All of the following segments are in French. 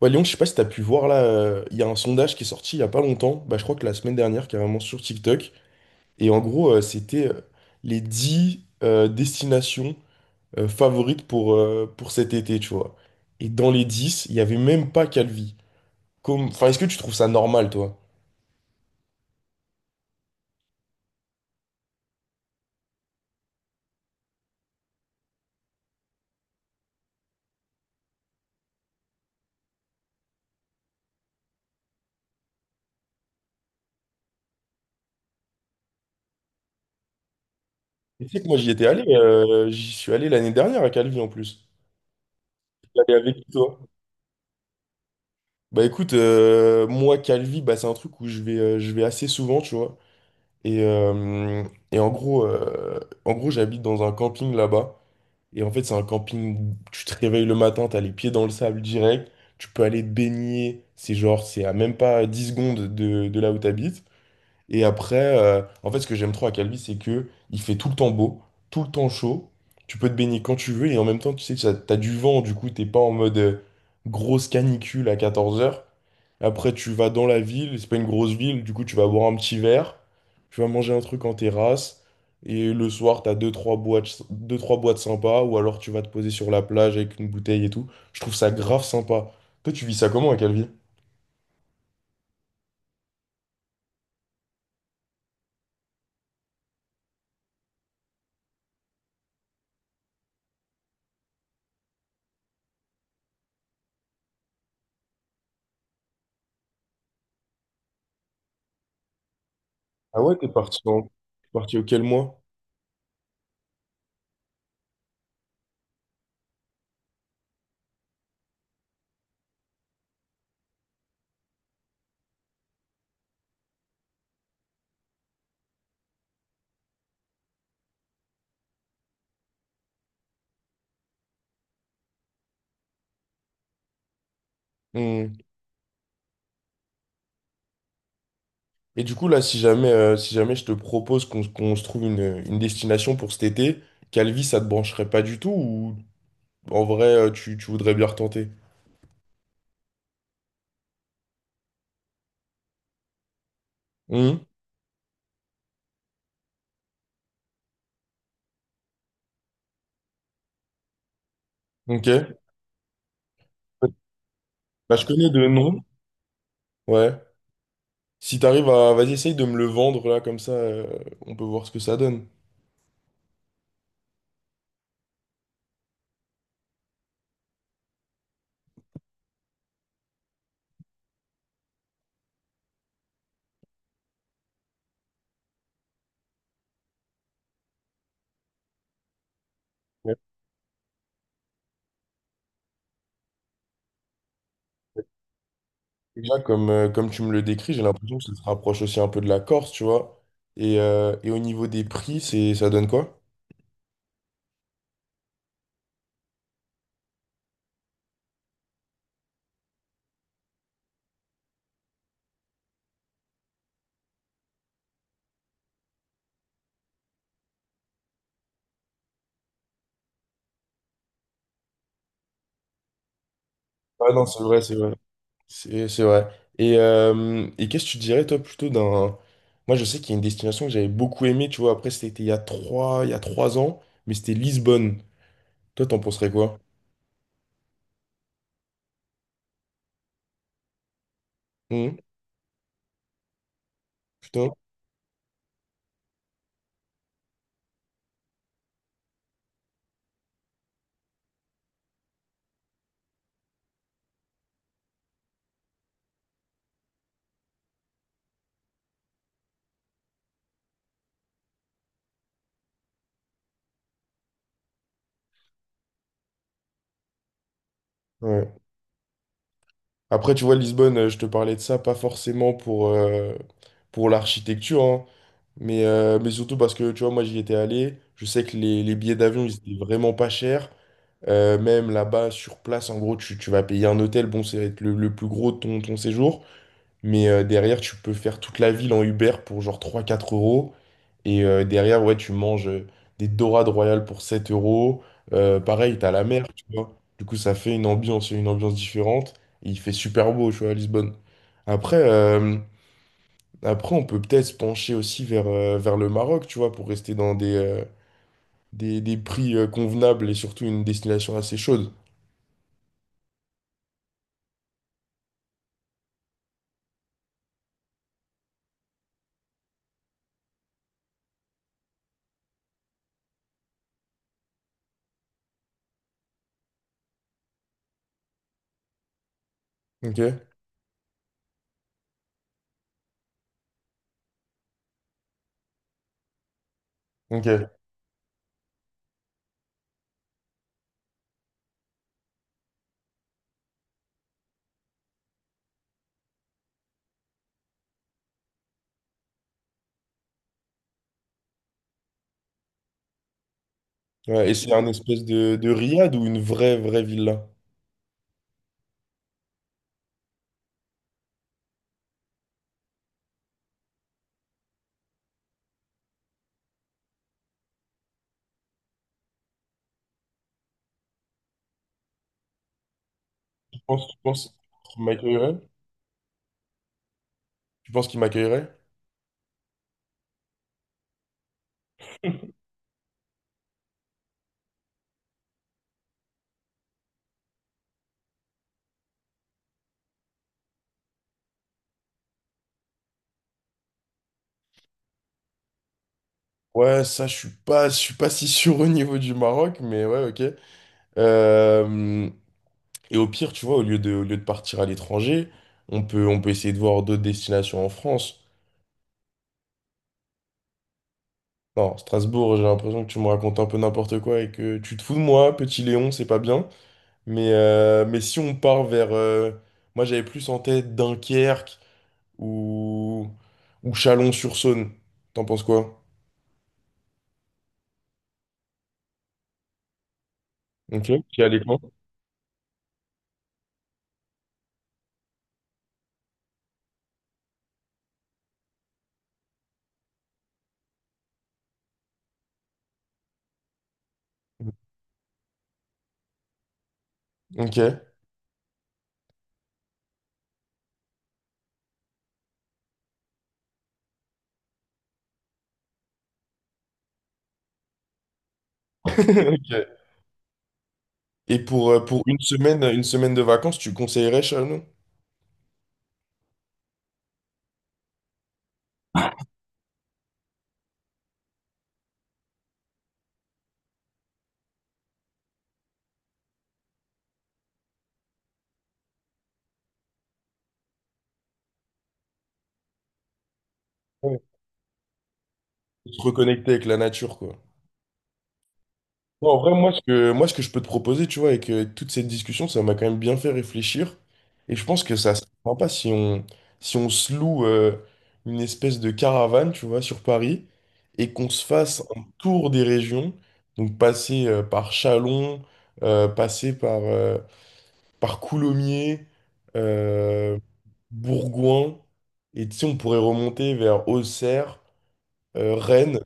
Ouais, Léon, je sais pas si t'as pu voir là, il y a un sondage qui est sorti il y a pas longtemps, bah, je crois que la semaine dernière, carrément sur TikTok. Et en gros, c'était les 10 destinations favorites pour cet été, tu vois. Et dans les 10 il y avait même pas Calvi. Comme... Enfin, est-ce que tu trouves ça normal, toi? Tu sais que moi, j'y suis allé l'année dernière à Calvi en plus. T'es allé avec qui, toi? Bah écoute, moi, Calvi, bah, c'est un truc où je vais assez souvent, tu vois. Et, euh, et en gros, j'habite dans un camping là-bas. Et en fait, c'est un camping où tu te réveilles le matin, t'as les pieds dans le sable direct, tu peux aller te baigner. C'est genre, c'est à même pas 10 secondes de là où tu... Et après, en fait, ce que j'aime trop à Calvi, c'est que il fait tout le temps beau, tout le temps chaud. Tu peux te baigner quand tu veux et en même temps, tu sais, t'as du vent, du coup, t'es pas en mode grosse canicule à 14 heures. Après, tu vas dans la ville, c'est pas une grosse ville, du coup, tu vas boire un petit verre, tu vas manger un truc en terrasse et le soir, t'as deux, trois boîtes sympas ou alors tu vas te poser sur la plage avec une bouteille et tout. Je trouve ça grave sympa. Toi, tu vis ça comment à Calvi? Ah ouais, t'es parti auquel mois? Et du coup, là, si jamais je te propose qu'on se trouve une destination pour cet été, Calvi, ça te brancherait pas du tout ou en vrai, tu voudrais bien retenter? Hum. Ok. Bah, je connais de nom. Ouais. Si t'arrives à... Vas-y, essaye de me le vendre, là, comme ça, on peut voir ce que ça donne. Ouais. Déjà, comme tu me le décris, j'ai l'impression que ça se rapproche aussi un peu de la Corse, tu vois. Et au niveau des prix, ça donne quoi? Ah non, c'est vrai, c'est vrai. C'est vrai. Et qu'est-ce que tu dirais, toi, plutôt d'un... Moi, je sais qu'il y a une destination que j'avais beaucoup aimée, tu vois. Après, c'était il y a 3 ans, mais c'était Lisbonne. Toi, t'en penserais quoi? Hum. Putain. Ouais. Après, tu vois, Lisbonne, je te parlais de ça, pas forcément pour l'architecture, hein, mais surtout parce que, tu vois, moi, j'y étais allé. Je sais que les billets d'avion, ils étaient vraiment pas chers. Même là-bas, sur place, en gros, tu vas payer un hôtel. Bon, c'est le plus gros de ton séjour. Mais derrière, tu peux faire toute la ville en Uber pour genre 3 4 euros. Et derrière, ouais, tu manges des dorades royales pour 7 euros. Pareil, t'as la mer, tu vois. Du coup, ça fait une ambiance différente. Et il fait super beau, tu vois, à Lisbonne. Après, euh, après on peut peut-être se pencher aussi vers le Maroc, tu vois, pour rester dans des prix convenables et surtout une destination assez chaude. Ok? Ok. Ouais, et c'est un espèce de riad ou une vraie, vraie villa? Tu penses qu'il m'accueillerait? Tu penses qu'il m'accueillerait? Ouais, ça, je suis pas si sûr au niveau du Maroc, mais ouais, ok. Euh, et au pire, tu vois, au lieu de partir à l'étranger, on peut essayer de voir d'autres destinations en France. Non, Strasbourg, j'ai l'impression que tu me racontes un peu n'importe quoi et que tu te fous de moi, petit Léon, c'est pas bien. Mais si on part moi, j'avais plus en tête Dunkerque ou Chalon-sur-Saône. T'en penses quoi? Ok, qui allait quand? Ok. Ok. Et pour une semaine, de vacances, tu conseillerais Chalon? Ouais. De Se reconnecter avec la nature, quoi. Non, en vrai, moi, ce que je peux te proposer, tu vois, avec toute cette discussion, ça m'a quand même bien fait réfléchir. Et je pense que ça serait sympa si on se loue une espèce de caravane, tu vois, sur Paris, et qu'on se fasse un tour des régions. Donc, passer par Chalon, passer par Coulommiers, euh, Bourgoin, et tu sais, on pourrait remonter vers Auxerre, Rennes,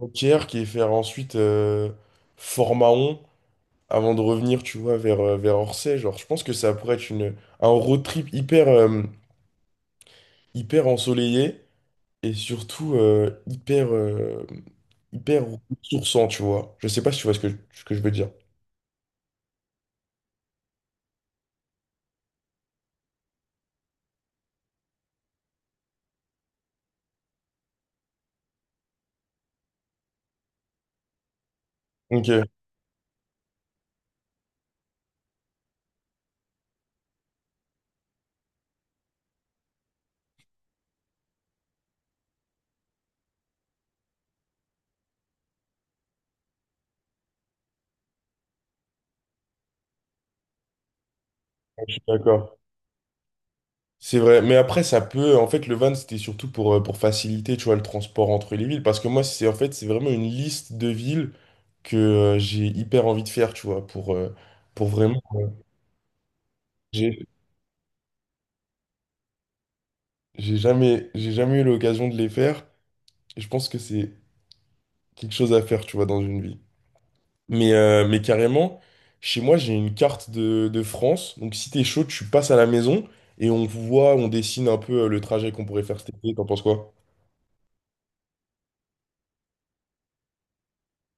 Dunkerque, et faire ensuite Fort-Mahon, avant de revenir, tu vois, vers Orsay. Genre, je pense que ça pourrait être un road trip hyper, hyper ensoleillé, et surtout hyper ressourçant, tu vois. Je sais pas si tu vois ce que, je veux dire. Ok, je suis d'accord. C'est vrai, mais après en fait le van c'était surtout pour faciliter, tu vois, le transport entre les villes, parce que moi c'est en fait c'est vraiment une liste de villes que j'ai hyper envie de faire, tu vois, pour vraiment... j'ai j'ai jamais eu l'occasion de les faire, et je pense que c'est quelque chose à faire, tu vois, dans une vie. Mais carrément, chez moi j'ai une carte de France, donc si t'es chaud, tu passes à la maison, et on dessine un peu le trajet qu'on pourrait faire cet été, t'en penses quoi?